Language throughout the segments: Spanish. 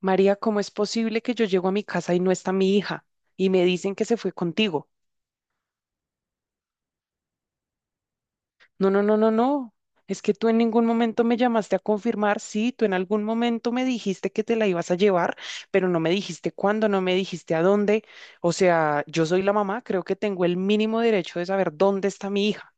María, ¿cómo es posible que yo llego a mi casa y no está mi hija? Y me dicen que se fue contigo. No, no, no, no, no. Es que tú en ningún momento me llamaste a confirmar. Sí, tú en algún momento me dijiste que te la ibas a llevar, pero no me dijiste cuándo, no me dijiste a dónde. O sea, yo soy la mamá, creo que tengo el mínimo derecho de saber dónde está mi hija.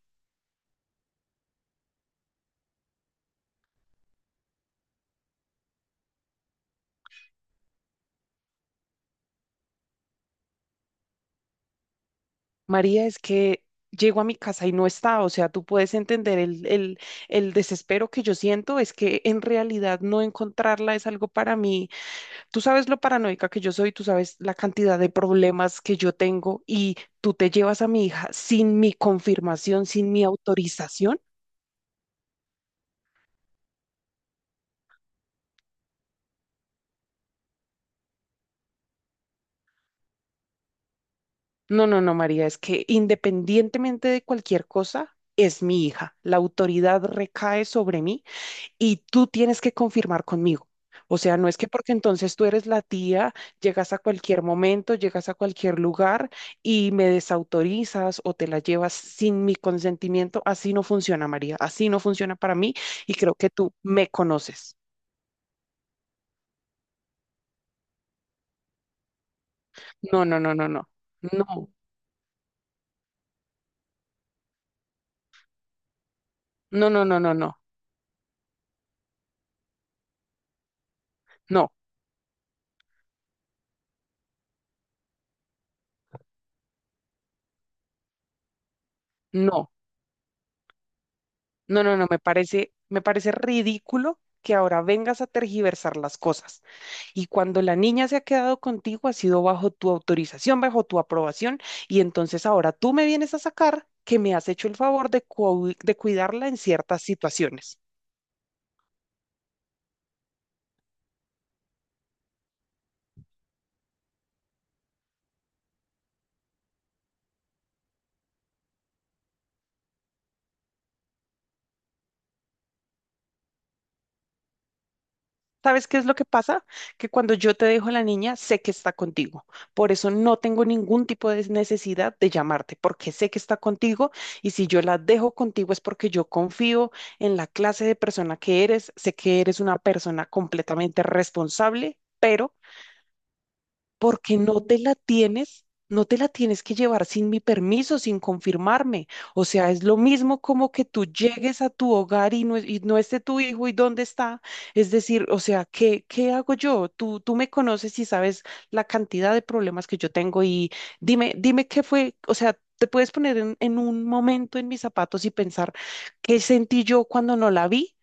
María, es que llego a mi casa y no está. O sea, tú puedes entender el desespero que yo siento. Es que en realidad no encontrarla es algo para mí. Tú sabes lo paranoica que yo soy, tú sabes la cantidad de problemas que yo tengo y tú te llevas a mi hija sin mi confirmación, sin mi autorización. No, no, no, María, es que independientemente de cualquier cosa, es mi hija. La autoridad recae sobre mí y tú tienes que confirmar conmigo. O sea, no es que porque entonces tú eres la tía, llegas a cualquier momento, llegas a cualquier lugar y me desautorizas o te la llevas sin mi consentimiento. Así no funciona, María. Así no funciona para mí, y creo que tú me conoces. No, no, no, no, no. No, no, no, no, no, no. No, no, no, no, no. Me parece ridículo que ahora vengas a tergiversar las cosas. Y cuando la niña se ha quedado contigo, ha sido bajo tu autorización, bajo tu aprobación, y entonces ahora tú me vienes a sacar que me has hecho el favor de, de cuidarla en ciertas situaciones. ¿Sabes qué es lo que pasa? Que cuando yo te dejo a la niña, sé que está contigo. Por eso no tengo ningún tipo de necesidad de llamarte, porque sé que está contigo y si yo la dejo contigo es porque yo confío en la clase de persona que eres, sé que eres una persona completamente responsable, pero porque no te la tienes, no te la tienes que llevar sin mi permiso, sin confirmarme. O sea, es lo mismo como que tú llegues a tu hogar y no esté tu hijo y dónde está. Es decir, o sea, ¿qué hago yo? Tú me conoces y sabes la cantidad de problemas que yo tengo y dime, dime qué fue, o sea, te puedes poner en un momento en mis zapatos y pensar qué sentí yo cuando no la vi.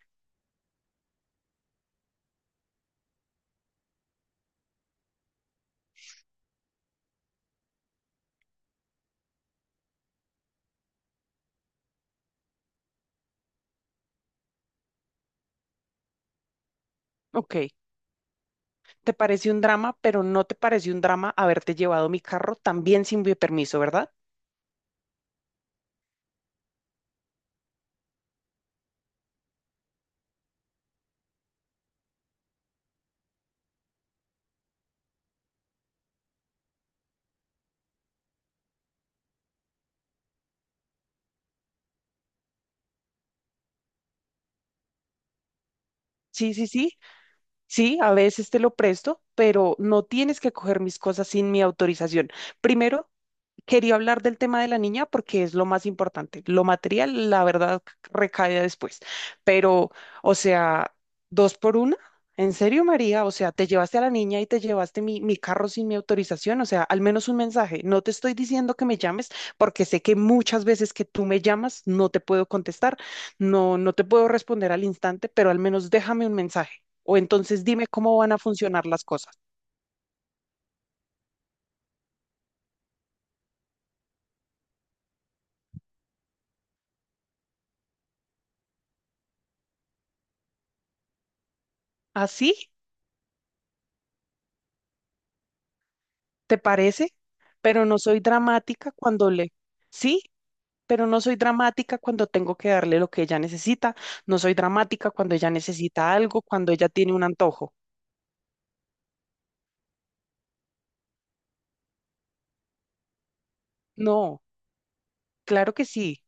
Ok. Te parece un drama, pero no te parece un drama haberte llevado mi carro también sin mi permiso, ¿verdad? Sí, sí, sí, sí, a veces te lo presto, pero no tienes que coger mis cosas sin mi autorización. Primero, quería hablar del tema de la niña porque es lo más importante. Lo material, la verdad, recae después. Pero, o sea, dos por una. ¿En serio, María? O sea, te llevaste a la niña y te llevaste mi carro sin mi autorización. O sea, al menos un mensaje. No te estoy diciendo que me llames porque sé que muchas veces que tú me llamas no te puedo contestar, no, no te puedo responder al instante, pero al menos déjame un mensaje. O entonces dime cómo van a funcionar las cosas. ¿Así? ¿Te parece? Pero no soy dramática cuando le... Sí, pero no soy dramática cuando tengo que darle lo que ella necesita. No soy dramática cuando ella necesita algo, cuando ella tiene un antojo. No, claro que sí.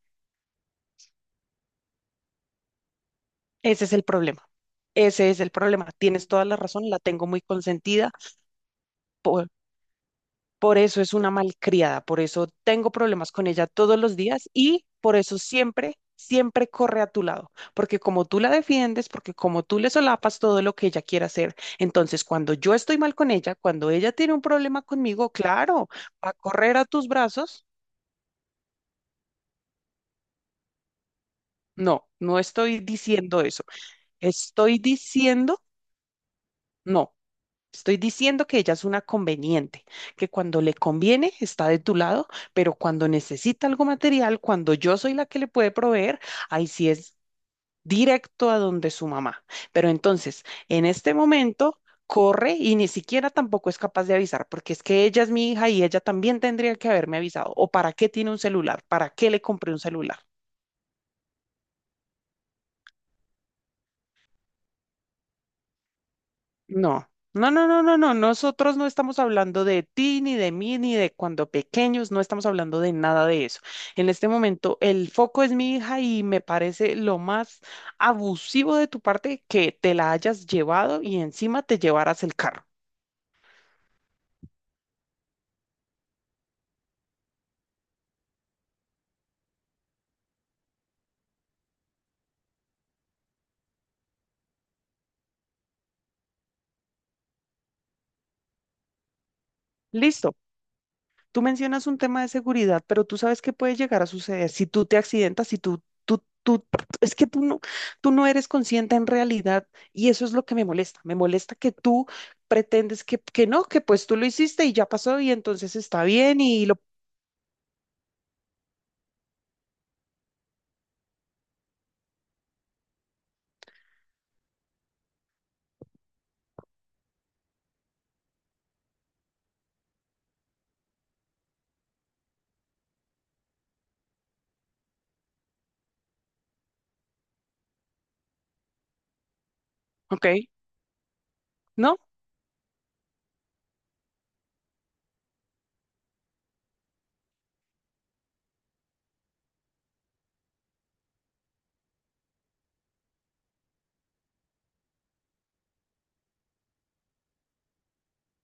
Ese es el problema. Ese es el problema. Tienes toda la razón, la tengo muy consentida. Por eso es una malcriada, por eso tengo problemas con ella todos los días y por eso siempre, siempre corre a tu lado, porque como tú la defiendes, porque como tú le solapas todo lo que ella quiere hacer, entonces cuando yo estoy mal con ella, cuando ella tiene un problema conmigo, claro, va a correr a tus brazos. No, no estoy diciendo eso. Estoy diciendo, no. Estoy diciendo que ella es una conveniente, que cuando le conviene está de tu lado, pero cuando necesita algo material, cuando yo soy la que le puede proveer, ahí sí es directo a donde su mamá. Pero entonces, en este momento, corre y ni siquiera tampoco es capaz de avisar, porque es que ella es mi hija y ella también tendría que haberme avisado. ¿O para qué tiene un celular? ¿Para qué le compré un celular? No, no, no, no, no, no. Nosotros no estamos hablando de ti, ni de mí, ni de cuando pequeños, no estamos hablando de nada de eso. En este momento, el foco es mi hija y me parece lo más abusivo de tu parte que te la hayas llevado y encima te llevaras el carro. Listo. Tú mencionas un tema de seguridad, pero tú sabes qué puede llegar a suceder si tú te accidentas, si tú, es que tú no eres consciente en realidad y eso es lo que me molesta. Me molesta que tú pretendes que no, que pues tú lo hiciste y ya pasó y entonces está bien y lo, ok, no,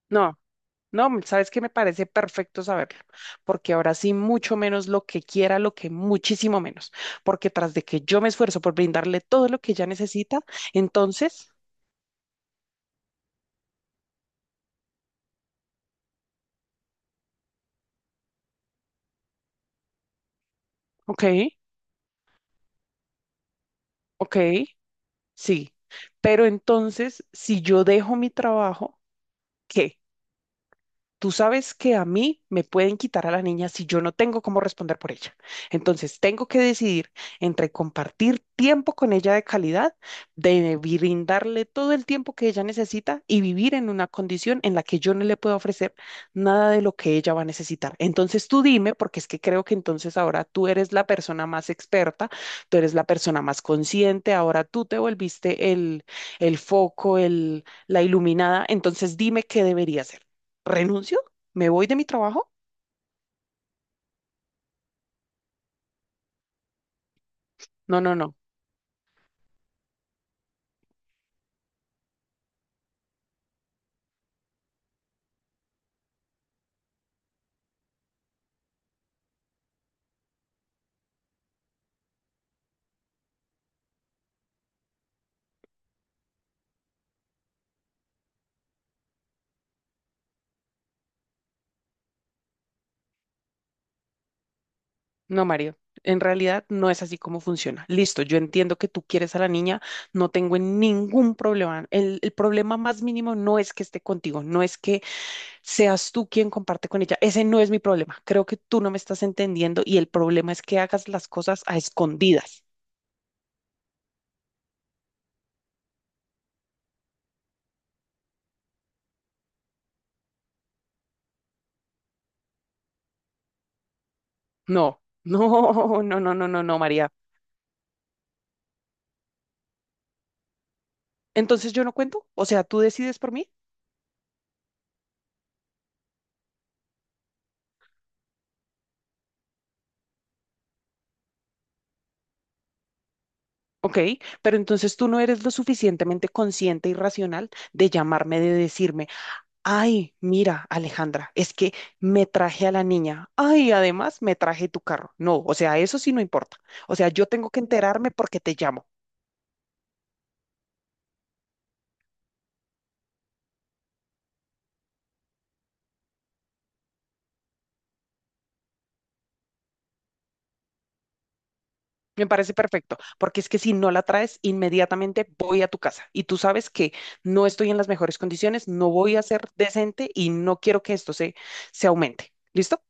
no. No, sabes que me parece perfecto saberlo, porque ahora sí mucho menos lo que quiera, lo que muchísimo menos, porque tras de que yo me esfuerzo por brindarle todo lo que ella necesita, entonces, ok, ok. Sí, pero entonces, si yo dejo mi trabajo, ¿qué? Tú sabes que a mí me pueden quitar a la niña si yo no tengo cómo responder por ella. Entonces, tengo que decidir entre compartir tiempo con ella de calidad, de brindarle todo el tiempo que ella necesita y vivir en una condición en la que yo no le puedo ofrecer nada de lo que ella va a necesitar. Entonces, tú dime, porque es que creo que entonces ahora tú eres la persona más experta, tú eres la persona más consciente, ahora tú te volviste el foco, el, la iluminada. Entonces, dime qué debería hacer. ¿Renuncio? ¿Me voy de mi trabajo? No, no, no, no, Mario. En realidad no es así como funciona. Listo, yo entiendo que tú quieres a la niña, no tengo ningún problema. El problema más mínimo no es que esté contigo, no es que seas tú quien comparte con ella. Ese no es mi problema. Creo que tú no me estás entendiendo y el problema es que hagas las cosas a escondidas. No, no, no, no, no, no, no, María. Entonces yo no cuento, o sea, tú decides por mí. Ok, pero entonces tú no eres lo suficientemente consciente y racional de llamarme, de decirme, ay, mira, Alejandra, es que me traje a la niña, ay, además me traje tu carro. No, o sea, eso sí no importa. O sea, yo tengo que enterarme porque te llamo. Me parece perfecto, porque es que si no la traes, inmediatamente voy a tu casa y tú sabes que no estoy en las mejores condiciones, no voy a ser decente y no quiero que esto se aumente. ¿Listo?